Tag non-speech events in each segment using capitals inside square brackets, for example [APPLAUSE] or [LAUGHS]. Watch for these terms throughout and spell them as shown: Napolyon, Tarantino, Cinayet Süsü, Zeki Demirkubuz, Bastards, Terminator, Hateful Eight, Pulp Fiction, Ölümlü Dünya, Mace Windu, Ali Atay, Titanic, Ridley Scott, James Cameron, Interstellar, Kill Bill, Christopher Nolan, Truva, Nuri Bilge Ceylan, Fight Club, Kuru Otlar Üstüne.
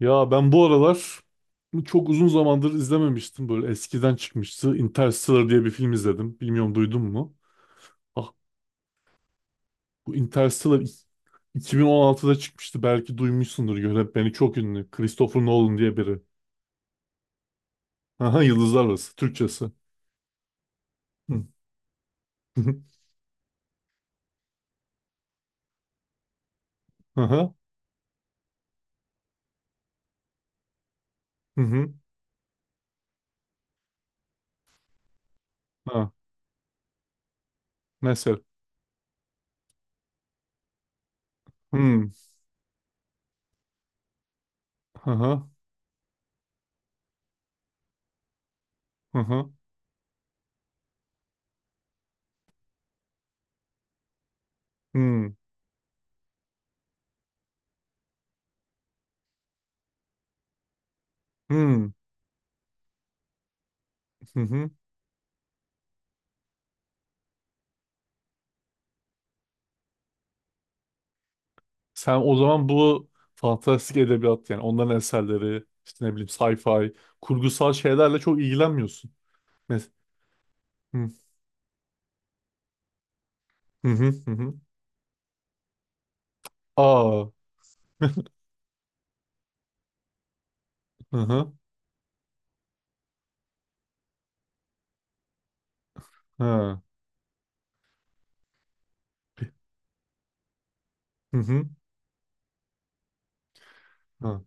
Ya ben bu aralar çok uzun zamandır izlememiştim. Böyle eskiden çıkmıştı. Interstellar diye bir film izledim. Bilmiyorum duydun mu? Ah, bu Interstellar 2016'da çıkmıştı. Belki duymuşsundur. Yönetmeni çok ünlü. Christopher Nolan diye biri. Aha, Yıldızlar Arası. Türkçesi. Hı. [LAUGHS] Aha. Hı hı. Ha. Mesela. Hı. Aha. Aha. Hı. Hı hı. Sen o zaman bu fantastik edebiyat, yani onların eserleri işte, ne bileyim, sci-fi kurgusal şeylerle çok ilgilenmiyorsun. Mes hı hı hı hı. Hı. Aa, hı hı, ha. Pe- Hı hı, ha.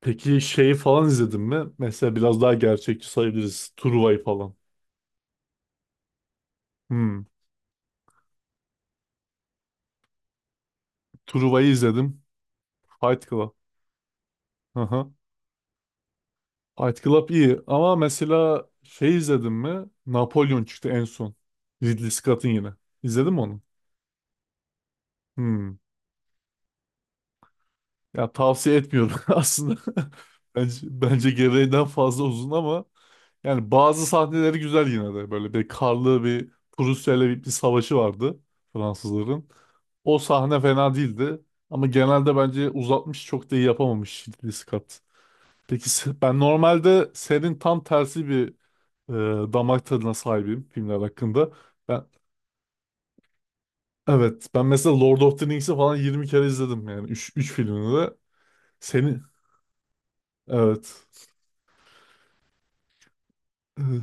Peki şeyi falan izledin mi? Mesela biraz daha gerçekçi sayabiliriz. Truva'yı falan. Hmm. Truva'yı izledim. Fight Club. Hı hı. Fight Club iyi ama mesela şey izledin mi? Napolyon çıktı en son. Ridley Scott'ın yine. İzledin mi onu? Hmm. Ya tavsiye etmiyorum [LAUGHS] aslında. Bence gereğinden fazla uzun ama yani bazı sahneleri güzel yine de. Böyle bir karlı bir Prusya ile bir savaşı vardı Fransızların. O sahne fena değildi. Ama genelde bence uzatmış, çok da iyi yapamamış Ridley Scott. Peki ben normalde senin tam tersi bir damak tadına sahibim filmler hakkında. Ben evet, ben mesela Lord of the Rings'i falan 20 kere izledim, yani 3 filmini de. Senin evet. Hı hı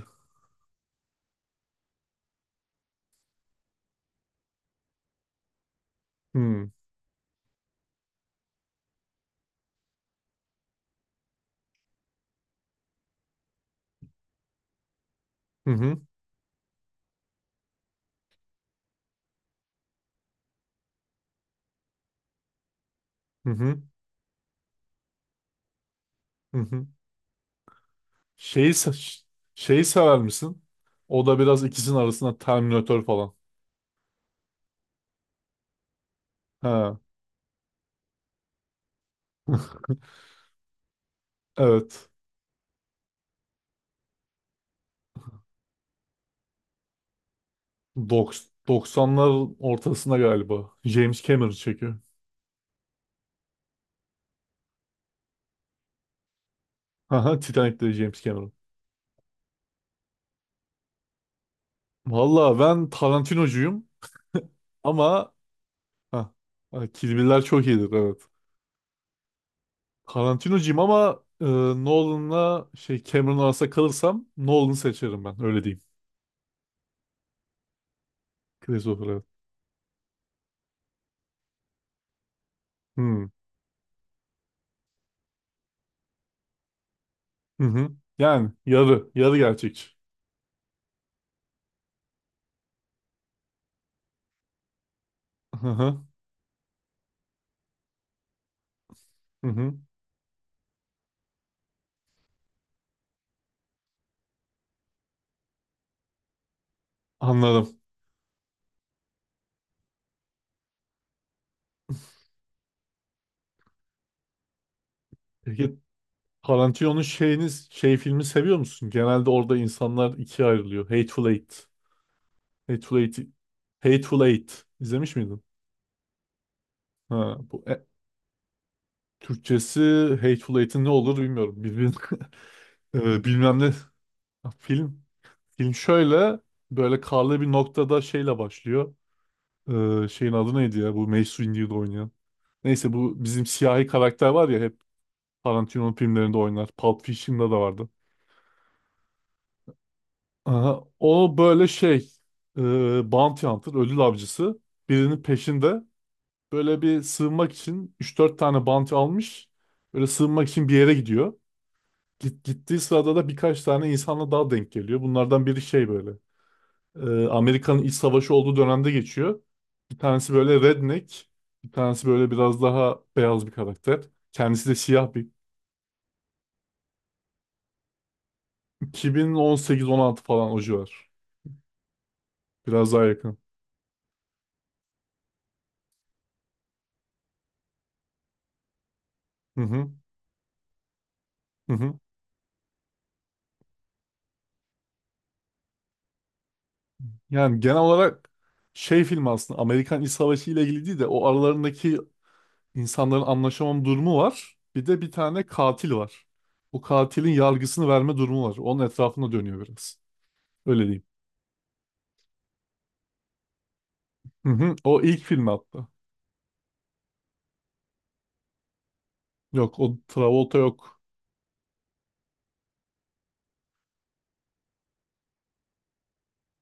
hı hı hı. Hı. Şeyi se- ş- şeyi sever misin? O da biraz ikisinin arasında, Terminator falan. Ha. [LAUGHS] Evet. 90'lar ortasında galiba. James Cameron çekiyor. Haha, Titanic'te James Cameron. Valla ben Tarantinocuyum ama ha, Kill Bill'ler çok iyidir evet. Tarantinocuyum ama Nolan'la şey Cameron arasında kalırsam Nolan'ı seçerim, ben öyle diyeyim. Christopher evet. Hmm. Hı hı. Yani yarı gerçekçi. Hı hı. Hı hı. Anladım. Peki Tarantino'nun şey filmi seviyor musun? Genelde orada insanlar ikiye ayrılıyor. Hateful Eight. Hateful Eight. Hateful Eight. İzlemiş miydin? Ha, bu Türkçesi Hateful Eight'in ne olur bilmiyorum. Bilbil, [LAUGHS] bilmem ne. Ha, film. Film şöyle, böyle karlı bir noktada şeyle başlıyor. Şeyin adı neydi ya? Bu Mace Windu'yu da oynayan. Neyse, bu bizim siyahi karakter var ya, hep Tarantino'nun filmlerinde oynar. Pulp Fiction'da da vardı. Aha, o böyle şey, e, bounty hunter, ödül avcısı, birinin peşinde, böyle bir sığınmak için üç dört tane bounty almış. Böyle sığınmak için bir yere gidiyor. Gittiği sırada da birkaç tane insanla daha denk geliyor. Bunlardan biri şey, böyle Amerika'nın iç savaşı olduğu dönemde geçiyor. Bir tanesi böyle redneck, bir tanesi böyle biraz daha beyaz bir karakter. Kendisi de siyah bir. 2018-16 falan, o civar. Biraz daha yakın. Hı hı, hı hı. Yani genel olarak şey, film aslında Amerikan İç Savaşı ile ilgili değil de o aralarındaki insanların anlaşamam durumu var. Bir de bir tane katil var. O katilin yargısını verme durumu var. Onun etrafında dönüyor biraz. Öyle diyeyim. Hı hı. O ilk film hatta. Yok, o Travolta yok.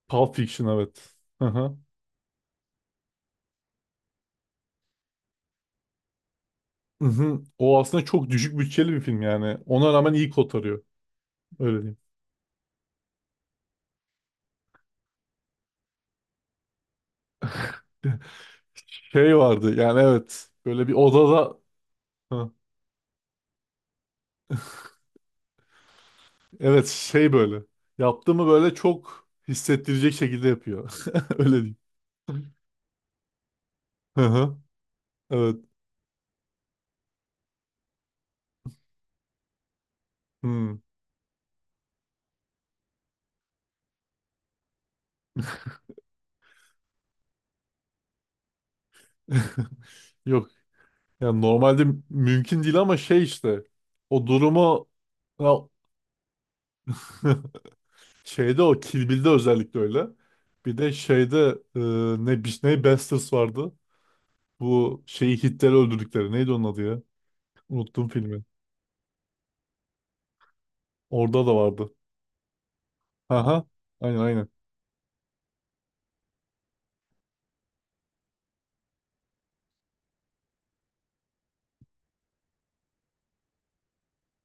Pulp Fiction evet. Hı hı. Hı hı. O aslında çok düşük bütçeli bir film yani. Ona rağmen iyi kotarıyor. Öyle diyeyim. Şey vardı yani, evet. Böyle bir odada. Hı. Evet, şey böyle. Yaptığımı böyle çok hissettirecek şekilde yapıyor. [LAUGHS] Öyle diyeyim. Hı hı. Evet. Hmm. [LAUGHS] Yok. Yani normalde mümkün değil ama şey işte. O durumu, ya, [LAUGHS] şeyde, o Kill Bill'de özellikle öyle. Bir de şeyde e, ne bir ne Bastards vardı. Bu şeyi Hitler'i öldürdükleri. Neydi onun adı ya? Unuttum filmi. Orada da vardı. Aha. Aynen, aynen.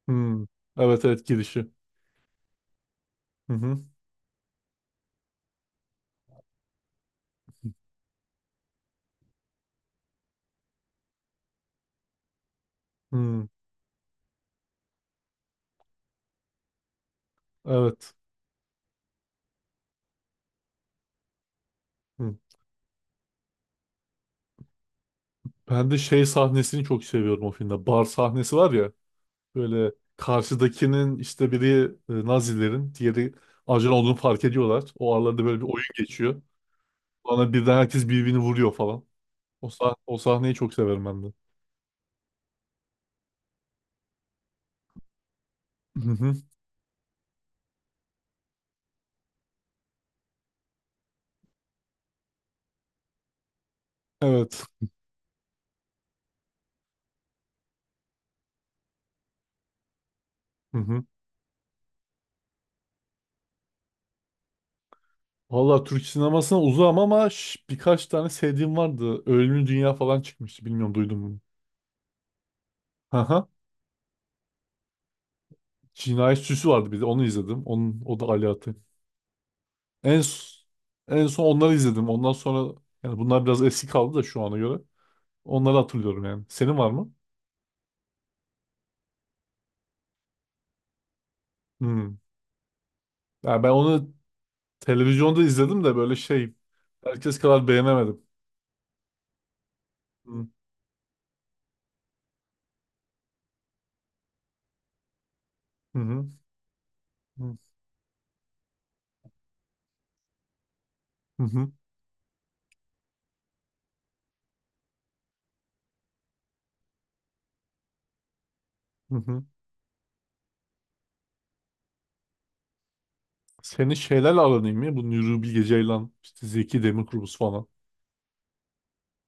Hmm. Evet, evet, girişi. Hı hı. Hmm. Evet. Hı. Ben de şey sahnesini çok seviyorum o filmde. Bar sahnesi var ya. Böyle karşıdakinin işte biri Nazilerin, diğeri ajan olduğunu fark ediyorlar. O aralarda böyle bir oyun geçiyor. Sonra birden herkes birbirini vuruyor falan. O sahneyi çok severim ben de. Hı hı. Evet. Hı hı. Valla Türk sinemasına uzağım ama birkaç tane sevdiğim vardı. Ölümlü Dünya falan çıkmıştı. Bilmiyorum duydun mu? Hı hı. Cinayet Süsü vardı bir de. Onu izledim. O da Ali Atay. En, s- en son onları izledim. Ondan sonra, yani bunlar biraz eski kaldı da şu ana göre. Onları hatırlıyorum yani. Senin var mı? Hmm. Yani ben onu televizyonda izledim de böyle şey, herkes kadar beğenemedim. Hmm. Hı hı. Hmm. Hı hı. Hı hı. Senin şeylerle aran iyi mi? Bu Nuri Bilge Ceylan, işte Zeki Demirkubuz falan.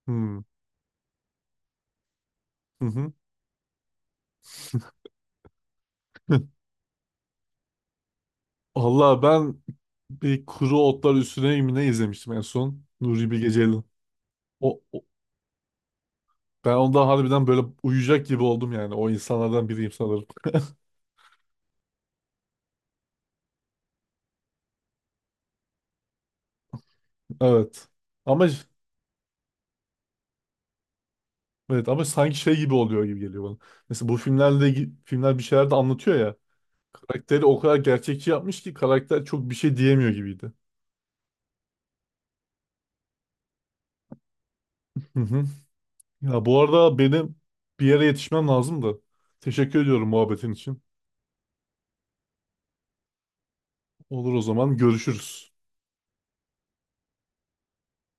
Hmm. Hı hı. [LAUGHS] Allah, ben bir Kuru Otlar Üstüne mi ne izlemiştim en son? Nuri Bilge Ceylan. O, Ben onda harbiden böyle uyuyacak gibi oldum yani. O insanlardan biriyim sanırım. [LAUGHS] Evet. Ama, evet, sanki şey gibi oluyor gibi geliyor bana. Mesela bu filmlerle filmler bir şeyler de anlatıyor ya. Karakteri o kadar gerçekçi yapmış ki karakter çok bir şey diyemiyor gibiydi. Hı hı. Ya bu arada benim bir yere yetişmem lazım da. Teşekkür ediyorum muhabbetin için. Olur, o zaman görüşürüz.